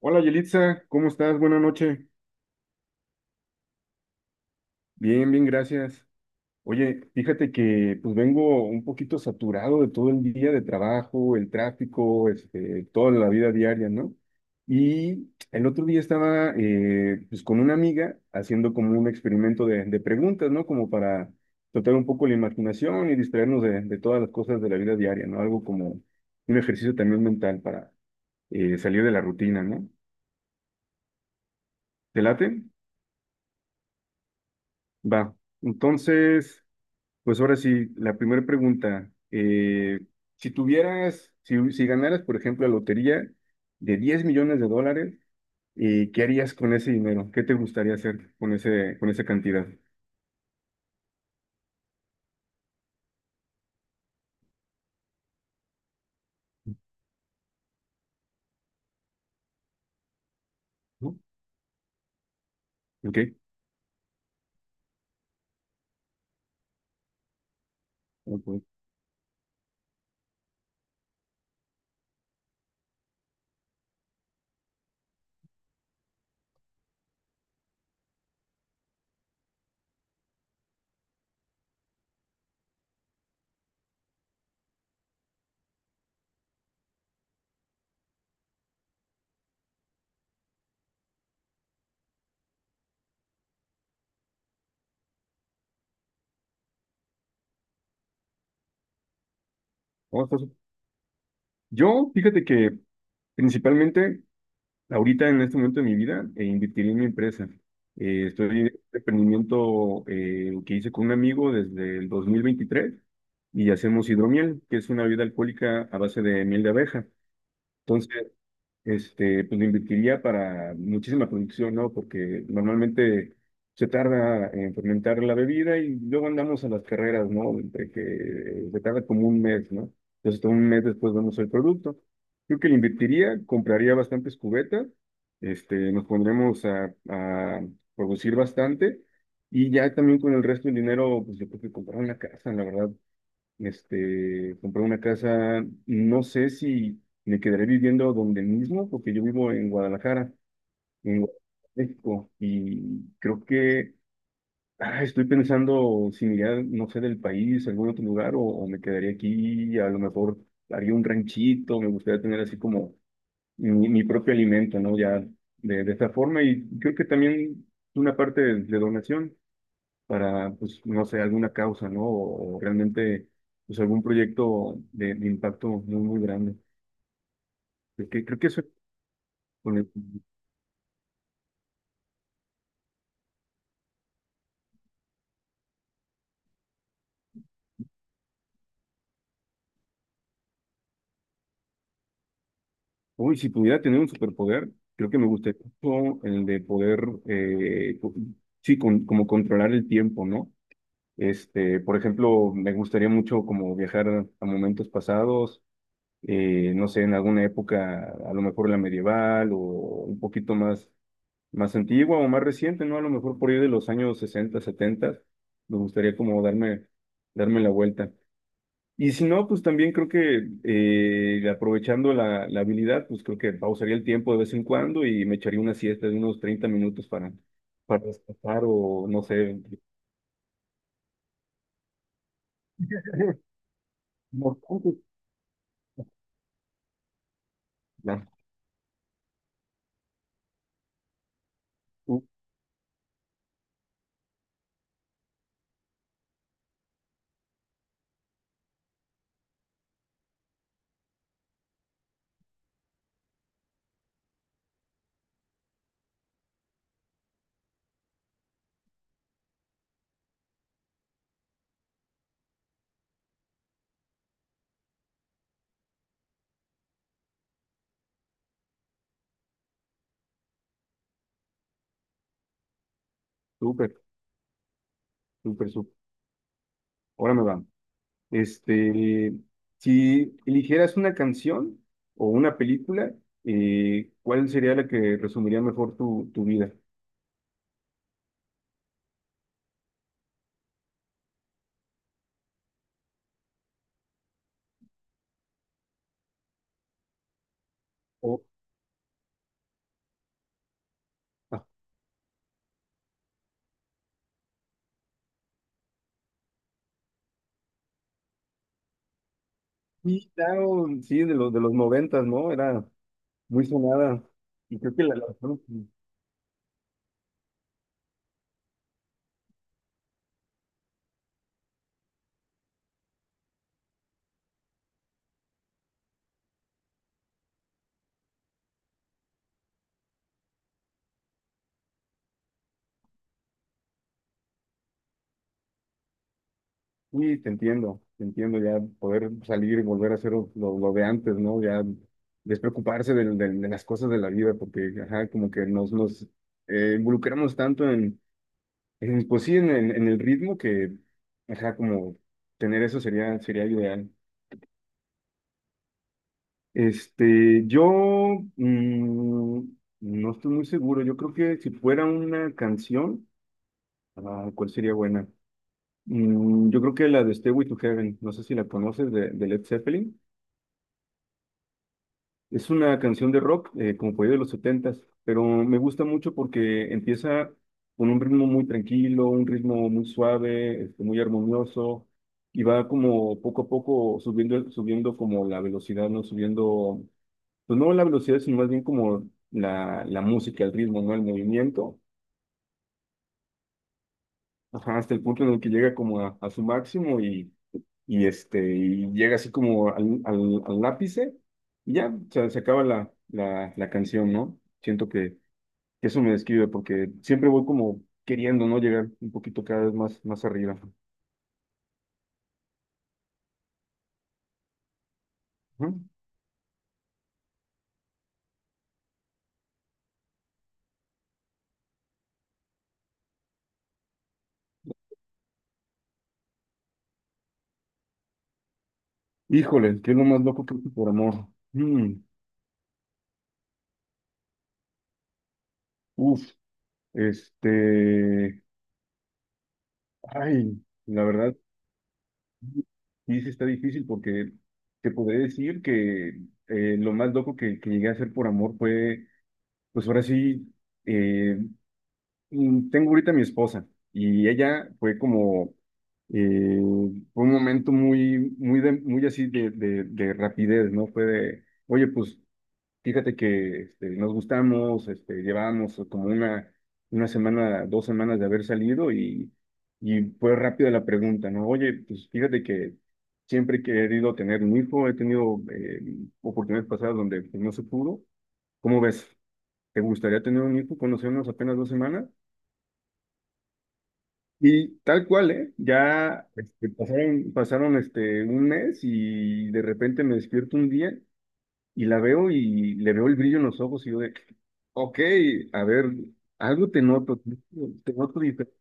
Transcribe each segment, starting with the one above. Hola Yelitza, ¿cómo estás? Buenas noches. Bien, bien, gracias. Oye, fíjate que pues vengo un poquito saturado de todo el día de trabajo, el tráfico, toda la vida diaria, ¿no? Y el otro día estaba pues con una amiga haciendo como un experimento de preguntas, ¿no? Como para tratar un poco la imaginación y distraernos de todas las cosas de la vida diaria, ¿no? Algo como un ejercicio también mental para salir de la rutina, ¿no? ¿Te late? Va. Entonces. Pues ahora sí, la primera pregunta. Si tuvieras, si ganaras, por ejemplo, la lotería de 10 millones de dólares, ¿qué harías con ese dinero? ¿Qué te gustaría hacer con esa cantidad? ¿No? ¿Ok? Ok. Vamos, pues. Yo, fíjate que principalmente ahorita en este momento de mi vida, invertiría en mi empresa. Estoy en este emprendimiento que hice con un amigo desde el 2023, y hacemos hidromiel, que es una bebida alcohólica a base de miel de abeja. Entonces, pues lo invertiría para muchísima producción, ¿no? Porque normalmente se tarda en fermentar la bebida y luego andamos a las carreras, ¿no? Entre que se tarda como un mes, ¿no? Entonces, todo un mes después vemos el producto. Creo que le invertiría, compraría bastantes cubetas, nos pondremos a producir bastante y ya también con el resto del dinero, pues yo creo que comprar una casa, la verdad, compré una casa, no sé si me quedaré viviendo donde mismo, porque yo vivo en Guadalajara, en México, y creo que estoy pensando si me iría, no sé, del país, a algún otro lugar, o, me quedaría aquí, a lo mejor haría un ranchito, me gustaría tener así como mi propio alimento, ¿no? Ya de esta forma, y creo que también una parte de donación para, pues, no sé, alguna causa, ¿no? O, realmente, pues, algún proyecto de impacto muy, muy grande. Creo que eso. con el- Uy, si pudiera tener un superpoder, creo que me gustaría mucho el de poder, eh, co- sí, como controlar el tiempo, ¿no? Por ejemplo, me gustaría mucho como viajar a momentos pasados, no sé, en alguna época, a lo mejor la medieval o un poquito más antigua o más reciente, ¿no? A lo mejor por ir de los años 60 70, me gustaría como darme la vuelta. Y si no, pues también creo que aprovechando la habilidad, pues creo que pausaría el tiempo de vez en cuando y me echaría una siesta de unos 30 minutos para descansar o no sé. No, súper, súper, súper. Ahora me va. Este, si eligieras una canción o una película, ¿cuál sería la que resumiría mejor tu vida? Oh, ah, sí, claro, sí, de los noventas, ¿no? Era muy sonada. Y creo que sí, sí, te entiendo ya poder salir y volver a hacer lo de antes, ¿no? Ya despreocuparse de las cosas de la vida, porque ajá, como que nos involucramos tanto en. Pues sí, en el ritmo que, ajá, como tener eso sería ideal. Yo mm, no estoy muy seguro. Yo creo que si fuera una canción, ¿cuál sería buena? Yo creo que la de Stairway to Heaven, no sé si la conoces de Led Zeppelin. Es una canción de rock, como por ahí de los setentas, pero me gusta mucho porque empieza con un ritmo muy tranquilo, un ritmo muy suave, muy armonioso, y va como poco a poco subiendo, subiendo como la velocidad, ¿no? Subiendo, pues no la velocidad, sino más bien como la música, el ritmo, ¿no? El movimiento. Ajá, hasta el punto en el que llega como a su máximo y llega así como al ápice y ya, o sea, se acaba la canción, ¿no? Siento que eso me describe porque siempre voy como queriendo, ¿no? Llegar un poquito cada vez más, más arriba. Ajá. Híjole, ¿qué es lo más loco que hice por amor? Mm, uf, este, ay, la verdad. Sí, sí está difícil porque te podré decir que lo más loco que llegué a hacer por amor fue, pues ahora sí, eh, tengo ahorita a mi esposa y ella fue como, eh, fue un momento muy, muy, muy así de rapidez, ¿no? Fue de, oye, pues fíjate que nos gustamos, llevábamos como una semana, 2 semanas de haber salido y fue rápida la pregunta, ¿no? Oye, pues fíjate que siempre he querido tener un hijo, he tenido oportunidades pasadas donde pues, no se pudo. ¿Cómo ves? ¿Te gustaría tener un hijo? Conocernos apenas 2 semanas. Y tal cual, ¿eh? Ya pasaron un mes y de repente me despierto un día. Y la veo y le veo el brillo en los ojos y yo de, ok, a ver, algo te noto diferente.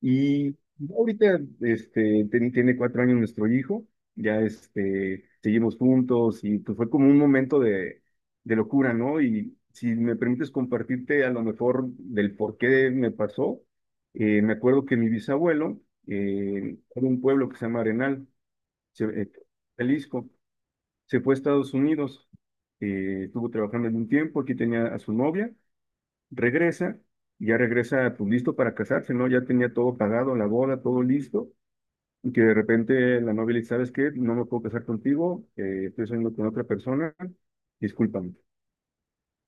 Y ya ahorita, tiene 4 años nuestro hijo, ya seguimos juntos y pues fue como un momento de locura, ¿no? Y si me permites compartirte a lo mejor del por qué me pasó, me acuerdo que mi bisabuelo era de un pueblo que se llama Arenal, se- eh, Jalisco. Se fue a Estados Unidos, estuvo trabajando en un tiempo, aquí tenía a su novia, regresa, ya regresa pues listo para casarse, ¿no? Ya tenía todo pagado, la boda, todo listo, y que de repente la novia le dice, ¿sabes qué? No me puedo casar contigo, estoy saliendo con otra persona, discúlpame.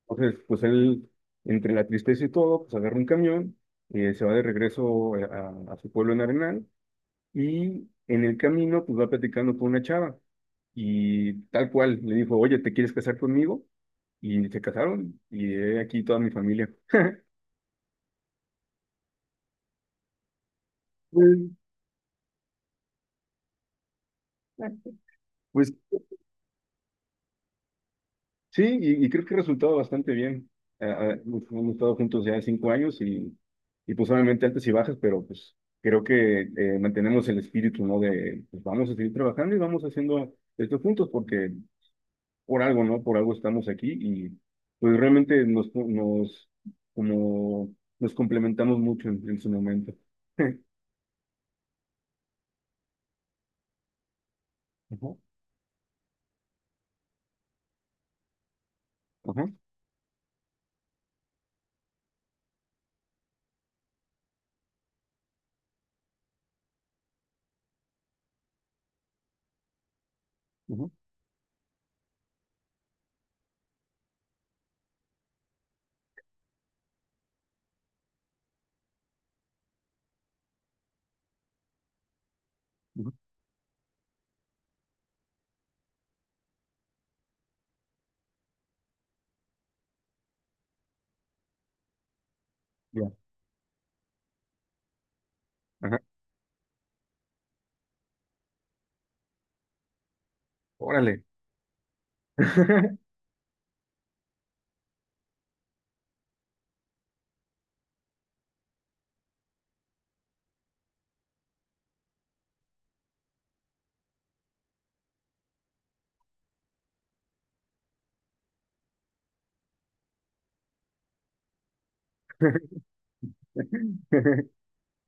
Entonces, pues él, entre la tristeza y todo, pues agarra un camión, se va de regreso a su pueblo en Arenal, y en el camino, pues va platicando con una chava. Y tal cual, le dijo, oye, ¿te quieres casar conmigo? Y se casaron. Y he aquí toda mi familia. Mm. Pues sí, y creo que ha resultado bastante bien. Ah, hemos estado juntos ya 5 años y pues obviamente altas y bajas, pero pues creo que mantenemos el espíritu, ¿no? De pues vamos a seguir trabajando y vamos haciendo esto juntos porque por algo, ¿no? Por algo estamos aquí y pues realmente nos, como, nos complementamos mucho en su momento. Ajá, ajá, ajá, ajá, ya, ajá. Órale.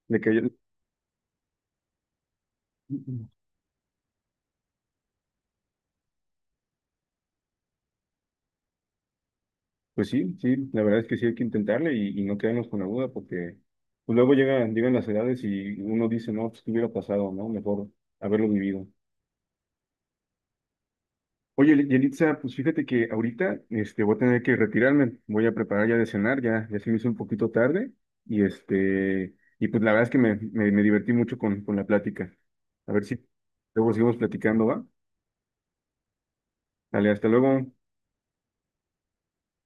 Le cayó- Pues sí, sí, la verdad es que sí hay que intentarle y no quedarnos con la duda porque pues luego llegan las edades y uno dice, no, pues qué hubiera pasado, ¿no? Mejor haberlo vivido. Oye, Yelitza, pues fíjate que ahorita voy a tener que retirarme, voy a preparar ya de cenar, ya se me hizo un poquito tarde y y pues la verdad es que me divertí mucho con la plática. A ver si luego seguimos platicando, ¿va? Dale, hasta luego.